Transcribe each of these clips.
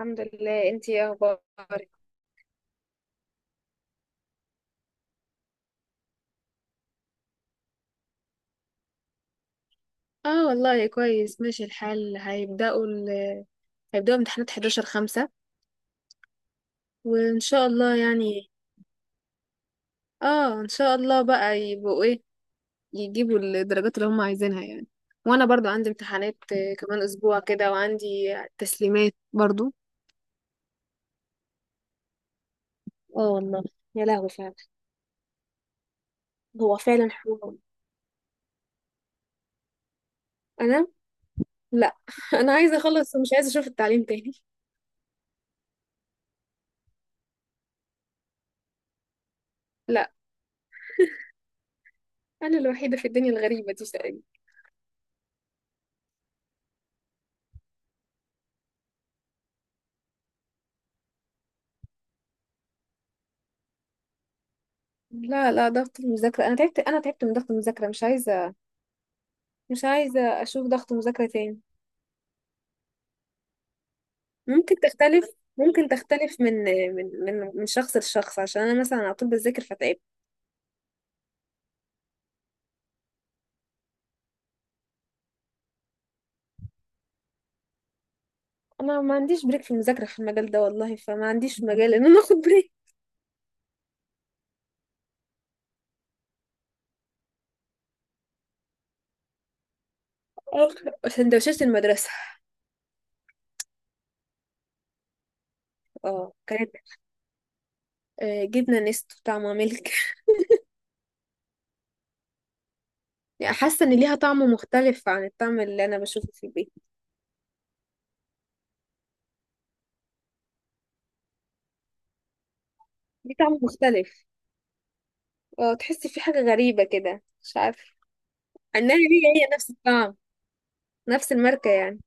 الحمد لله، انتي ايه اخبارك؟ اه والله كويس، ماشي الحال. هيبدأوا امتحانات 11 5 وان شاء الله يعني. اه ان شاء الله بقى يبقوا ايه، يجيبوا الدرجات اللي هم عايزينها يعني. وانا برضو عندي امتحانات كمان اسبوع كده، وعندي تسليمات برضو. اه والله. يا لهوي فعلا. هو فعلا حوار. انا لا انا عايزه اخلص ومش عايزه اشوف التعليم تاني. لا، انا الوحيده في الدنيا الغريبه دي تقريبا. لا لا، ضغط المذاكره، انا تعبت من ضغط المذاكره، مش عايزه، مش عايزة أشوف ضغط مذاكرة تاني. ممكن تختلف، ممكن تختلف من شخص لشخص، عشان أنا مثلا على طول بذاكر فتعبت. أنا ما عنديش بريك في المذاكرة في المجال ده والله، فما عنديش مجال إن أنا آخد بريك. آه، سندوتشات المدرسة. اه كانت، جبنة نستو طعمها ملك يعني حاسة إن ليها طعم مختلف عن الطعم اللي أنا بشوفه في البيت. ليه طعم مختلف؟ اه تحسي في حاجة غريبة كده مش عارفة. إنها هي، هي نفس الطعم، نفس الماركة يعني.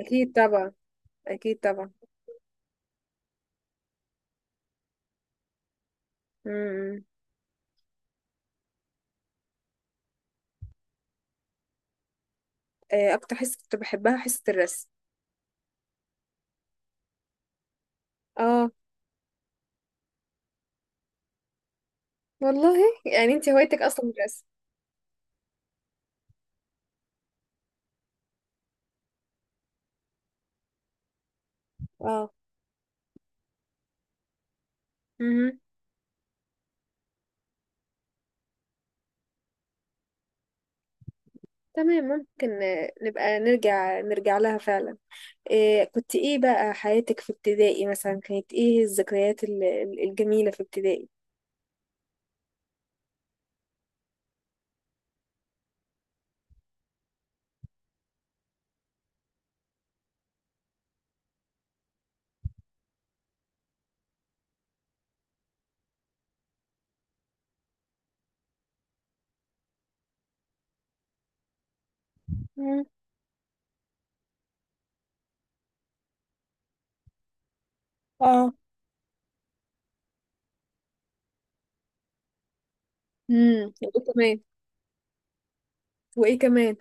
أكيد طبعا، أكيد طبعا. مم. اكتر حصه كنت بحبها حصه الرسم. اه والله، يعني انت هوايتك اصلا الرسم. اه. امم، تمام، ممكن نبقى نرجع لها فعلا. إيه كنت ايه بقى، حياتك في ابتدائي مثلا كانت ايه الذكريات الجميله في ابتدائي؟ مم. اه. امم، وايه كمان؟ وايه كمان؟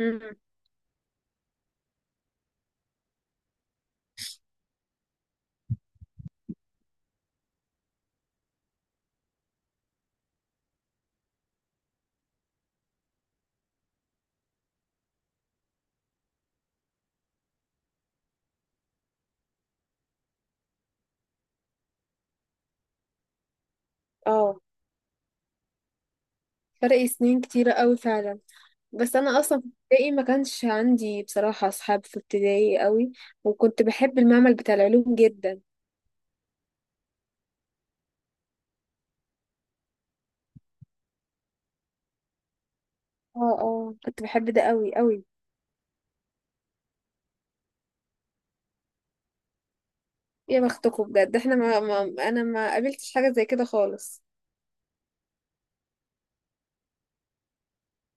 امم. اه، فرق سنين كتيرة قوي فعلا. بس انا اصلا في ابتدائي ما كانش عندي بصراحة اصحاب في ابتدائي قوي، وكنت بحب المعمل بتاع العلوم جدا. اه اه، كنت بحب ده قوي قوي. يا بختكم بجد، احنا ما, ما انا ما قابلتش حاجه زي كده خالص.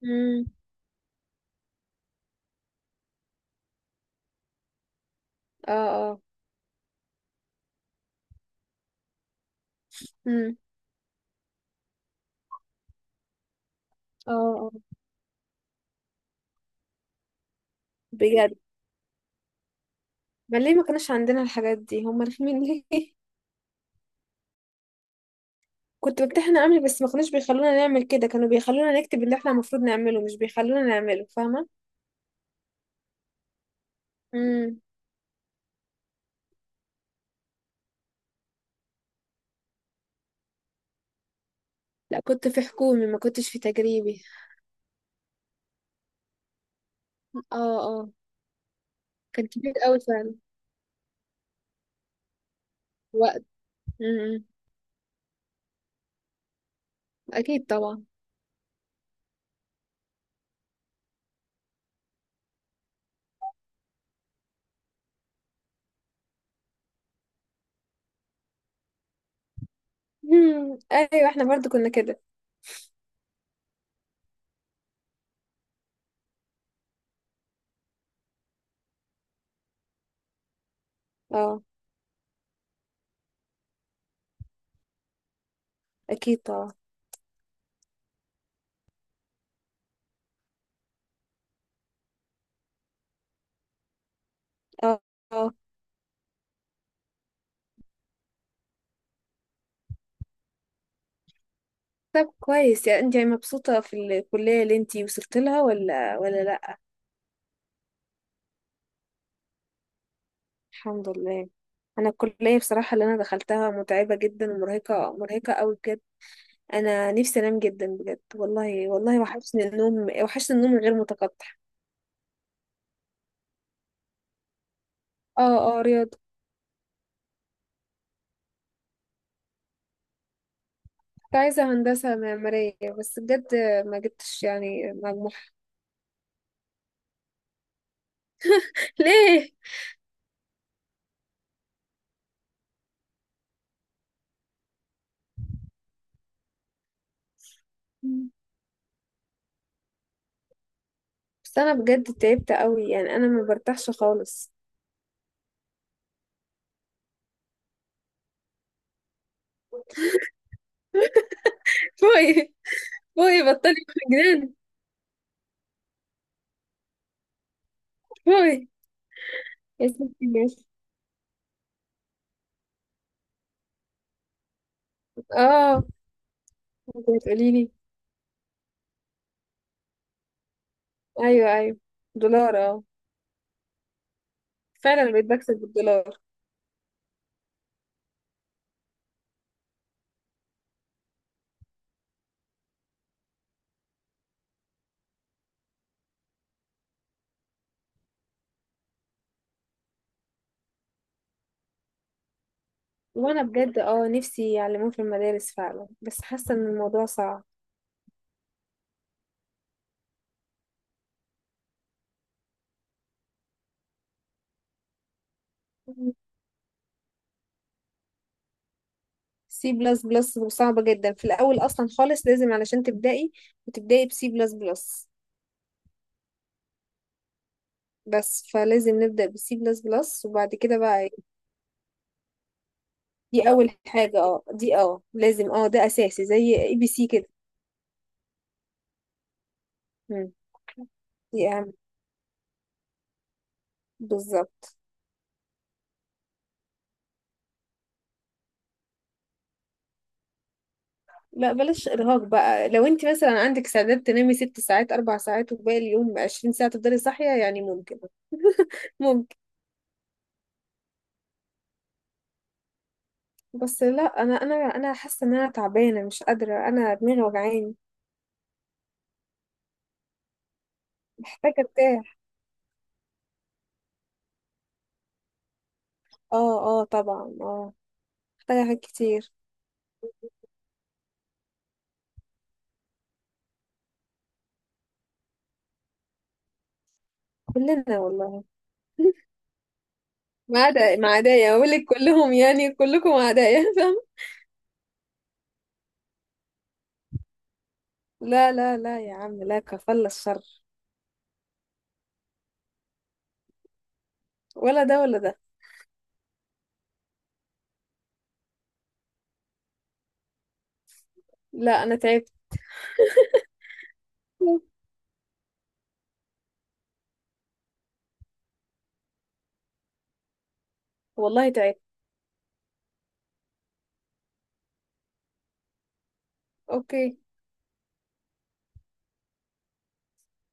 امم. اه اه. امم. اه اه، بجد. ما ليه ما كانش عندنا الحاجات دي، هم رخمين ليه؟ كنت بمتحن عملي، بس ما كانوش بيخلونا نعمل كده، كانوا بيخلونا نكتب اللي احنا المفروض نعمله، مش بيخلونا نعمله، فاهمه؟ امم. لا كنت في حكومي، ما كنتش في تجريبي. اه اه. كان كبير قوي فعلا. وقت. امم. اكيد طبعا. امم، ايوه احنا برضو كنا كده. اه، اكيد طبعا. اه. آه. طب كويس، يعني انت يعني مبسوطة في الكلية اللي انت وصلت لها، ولا ولا لا؟ الحمد لله. انا الكلية بصراحة اللي انا دخلتها متعبة جدا ومرهقة، مرهقة قوي بجد. انا نفسي انام جدا بجد والله، والله وحشني النوم، وحشني النوم غير متقطع. اه اه، رياضة. كنت عايزة هندسة معمارية بس بجد، ما جبتش يعني مجموع. ليه؟ بس انا بجد تعبت قوي، يعني انا ما برتاحش خالص. باي. باي، بطلي جنان. باي. اسمك الناس. اه. انت بتقولي لي؟ ايوه ايوه، دولار اه. فعلا بقيت بكسب بالدولار. وانا بجد اه نفسي يعلموه في المدارس فعلا، بس حاسه ان الموضوع صعب. سي بلس بلس صعبه جدا في الاول اصلا خالص، لازم علشان تبدأي وتبدأي بسي بلس بلس. بس فلازم نبدأ بسي بلس بلس، وبعد كده بقى. دي اول حاجه، اه دي اه لازم، اه ده اساسي زي اي بي سي كده. مم. دي اهم. بالظبط. لا بلاش ارهاق بقى، لو انت مثلا عندك استعداد تنامي 6 ساعات، 4 ساعات، وباقي اليوم 20 ساعة تفضلي صاحية يعني، ممكن، ممكن. بس لا، انا حاسة ان انا تعبانة مش قادرة، انا دماغي وجعاني، محتاجة ارتاح. اه اه طبعا، اه محتاجة حاجات كتير. كلنا والله. ما عدا، ما عدايا اقول لك، كلهم يعني كلكم عدايا فاهم؟ لا لا لا يا عم لا، كفل الشر. ولا ده ولا ده. لا انا تعبت. والله تعبت. اوكي.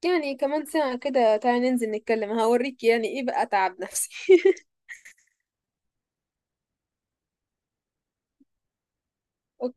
يعني كمان ساعة كده تعالي ننزل نتكلم، هوريك يعني ايه بقى تعب نفسي. اوكي.